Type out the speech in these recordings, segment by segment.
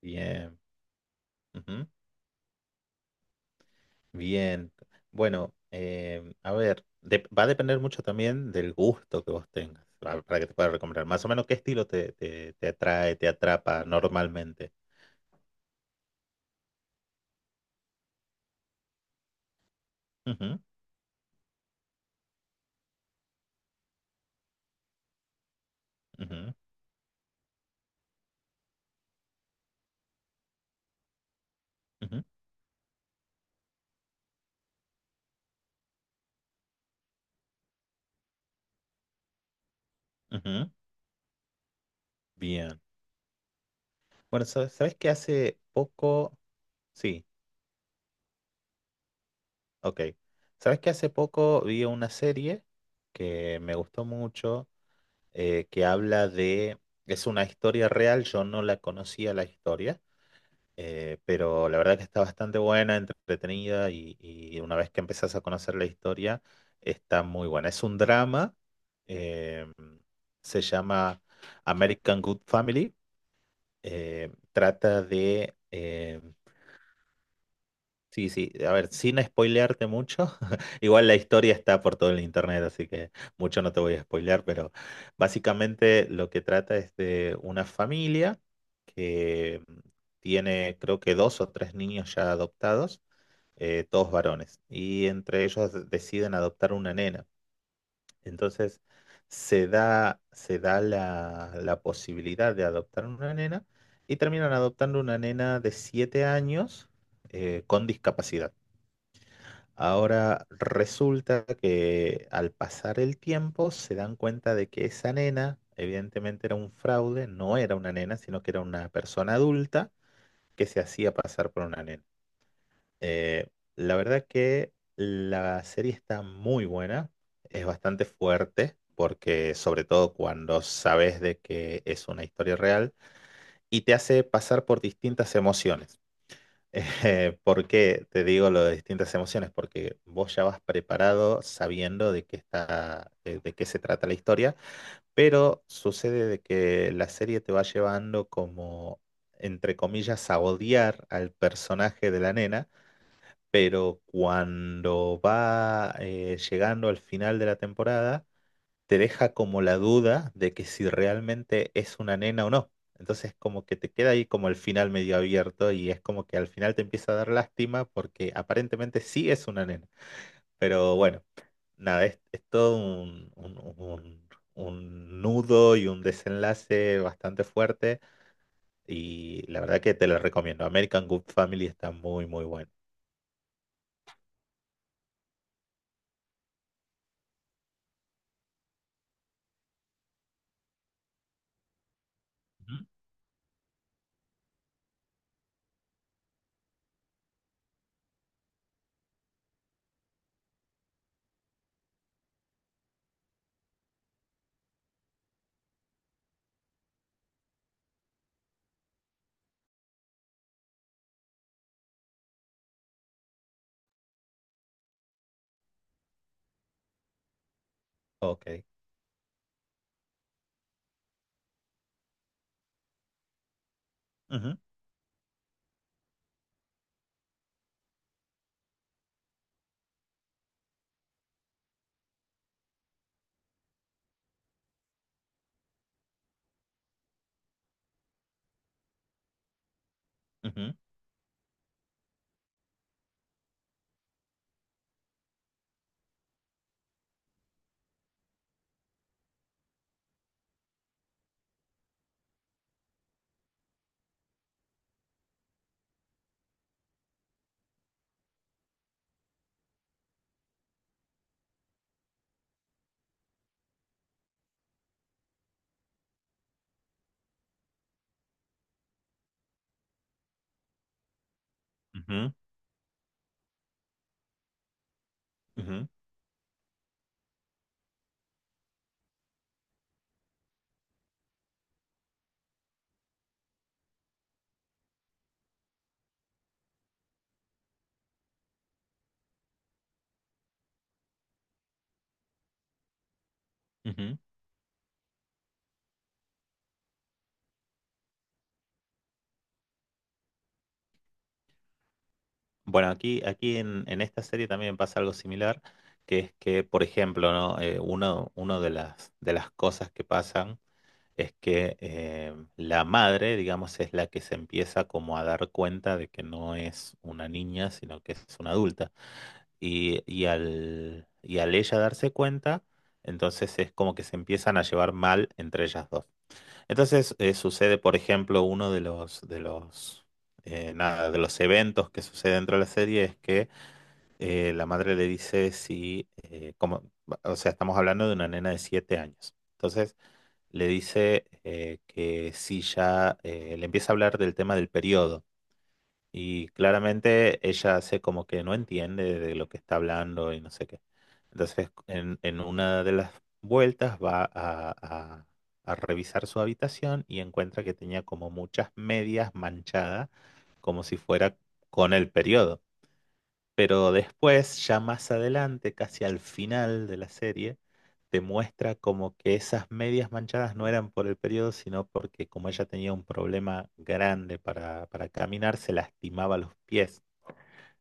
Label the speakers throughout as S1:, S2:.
S1: Bien, ujú, bien. Bueno, a ver, va a depender mucho también del gusto que vos tengas para, que te pueda recomendar. Más o menos, ¿qué estilo te atrae, te atrapa normalmente? Ujú, ujú, ujú, ujú. Bien. Bueno, ¿sabes que hace poco? Sí, ok. ¿Sabes que hace poco vi una serie que me gustó mucho, que habla de... Es una historia real, yo no la conocía la historia. Pero la verdad que está bastante buena, entretenida y una vez que empezás a conocer la historia, está muy buena. Es un drama, eh, se llama American Good Family, trata de, sí, sí, a ver, sin spoilearte mucho, igual la historia está por todo el internet, así que mucho no te voy a spoilear, pero básicamente lo que trata es de una familia que tiene creo que dos o tres niños ya adoptados, todos varones, y entre ellos deciden adoptar una nena. Entonces se da la posibilidad de adoptar una nena y terminan adoptando una nena de 7 años, con discapacidad. Ahora resulta que al pasar el tiempo se dan cuenta de que esa nena evidentemente era un fraude, no era una nena, sino que era una persona adulta que se hacía pasar por una nena. Eh, la verdad que la serie está muy buena, es bastante fuerte, porque sobre todo cuando sabes de que es una historia real y te hace pasar por distintas emociones. ¿Por qué te digo lo de distintas emociones? Porque vos ya vas preparado sabiendo de qué está, de qué se trata la historia, pero sucede de que la serie te va llevando como, entre comillas, a odiar al personaje de la nena, pero cuando va llegando al final de la temporada te deja como la duda de que si realmente es una nena o no. Entonces como que te queda ahí como el final medio abierto y es como que al final te empieza a dar lástima porque aparentemente sí es una nena. Pero bueno, nada, es todo un nudo y un desenlace bastante fuerte y la verdad que te lo recomiendo. American Good Family está muy, muy bueno. Ujú. Ok. Ujú, ujú, ujú, ujú, ujú. Ujú. Bueno, aquí en esta serie también pasa algo similar, que es que, por ejemplo, ¿no? Uno de las cosas que pasan es que la madre, digamos, es la que se empieza como a dar cuenta de que no es una niña, sino que es una adulta. Y, y al ella darse cuenta, entonces es como que se empiezan a llevar mal entre ellas dos. Entonces sucede, por ejemplo, uno de los nada, de los eventos que sucede dentro de la serie es que la madre le dice si como, o sea, estamos hablando de una nena de 7 años. Entonces le dice que si ya le empieza a hablar del tema del periodo y claramente ella hace como que no entiende de lo que está hablando y no sé qué. Entonces, en una de las vueltas va a revisar su habitación y encuentra que tenía como muchas medias manchadas, como si fuera con el periodo. Pero después, ya más adelante, casi al final de la serie, te muestra como que esas medias manchadas no eran por el periodo, sino porque como ella tenía un problema grande para caminar, se lastimaba los pies.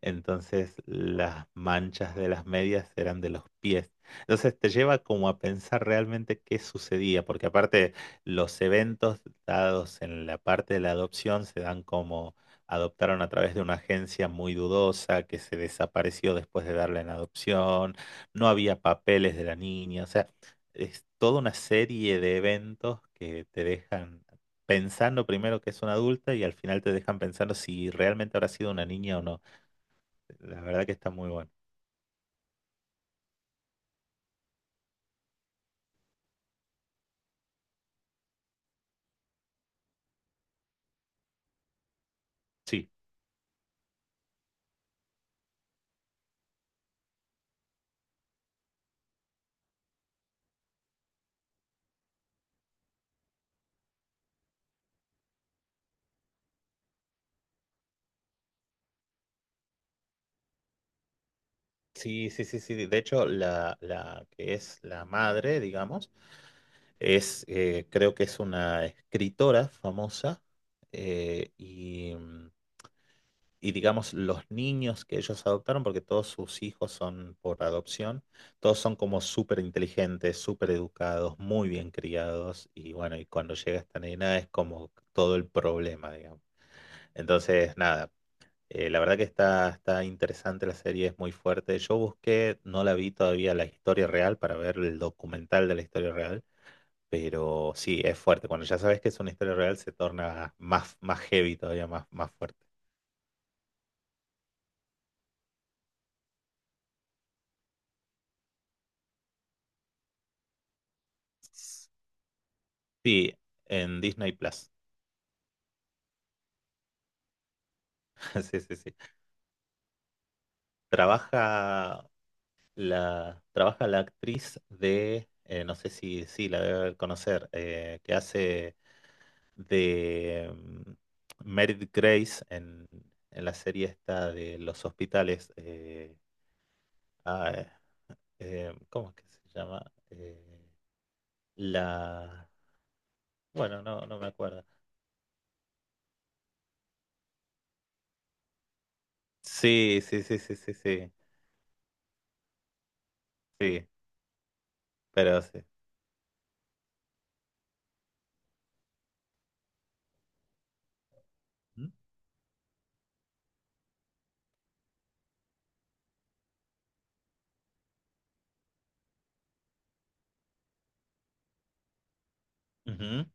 S1: Entonces las manchas de las medias eran de los pies. Entonces te lleva como a pensar realmente qué sucedía, porque aparte los eventos dados en la parte de la adopción se dan como adoptaron a través de una agencia muy dudosa que se desapareció después de darla en adopción, no había papeles de la niña, o sea, es toda una serie de eventos que te dejan pensando primero que es una adulta y al final te dejan pensando si realmente habrá sido una niña o no. La verdad que está muy bueno. Sí, sí, sí, sí, sí. De hecho, la que es la madre, digamos, es, creo que es una escritora famosa y, y, digamos, los niños que ellos adoptaron, porque todos sus hijos son por adopción, todos son como súper inteligentes, súper educados, muy bien criados y bueno, y cuando llega esta nena es como todo el problema, digamos. Entonces, nada, la verdad que está, está interesante la serie, es muy fuerte. Yo busqué, no la vi todavía la historia real para ver el documental de la historia real, pero sí, es fuerte. Cuando ya sabes que es una historia real, se torna más, más heavy todavía, más, más fuerte. Sí, en Disney Plus. Sí, sí, sí. Trabaja trabaja la actriz de, no sé si, sí, la debe conocer, que hace de Meredith Grace en la serie esta de los hospitales. Ah, eh, ¿Cómo es que se llama? Eh, la... Bueno, no, no me acuerdo. Sí, sí, sí, sí, sí, sí, sí, pero sí. ¿Mm? Ujú.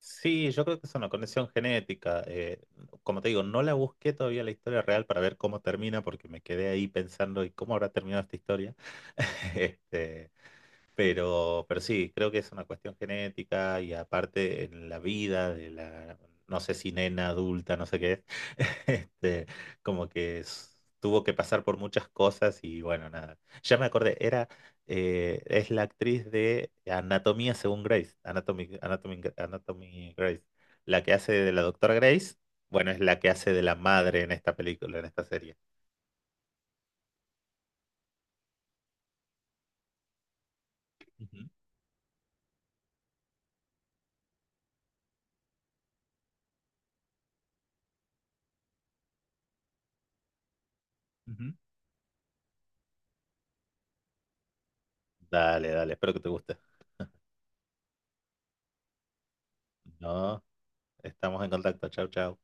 S1: Sí, yo creo que es una conexión genética. Como te digo, no la busqué todavía la historia real para ver cómo termina, porque me quedé ahí pensando, ¿y cómo habrá terminado esta historia? Este, pero sí, creo que es una cuestión genética y aparte en la vida de la, no sé si nena adulta, no sé qué es, este, como que tuvo que pasar por muchas cosas y bueno, nada. Ya me acordé, era, es la actriz de Anatomía según Grace, Anatomy Grace, la que hace de la doctora Grace, bueno, es la que hace de la madre en esta película, en esta serie. Ujú, ujú. Dale, dale, espero que te guste. No, estamos en contacto, chau, chau.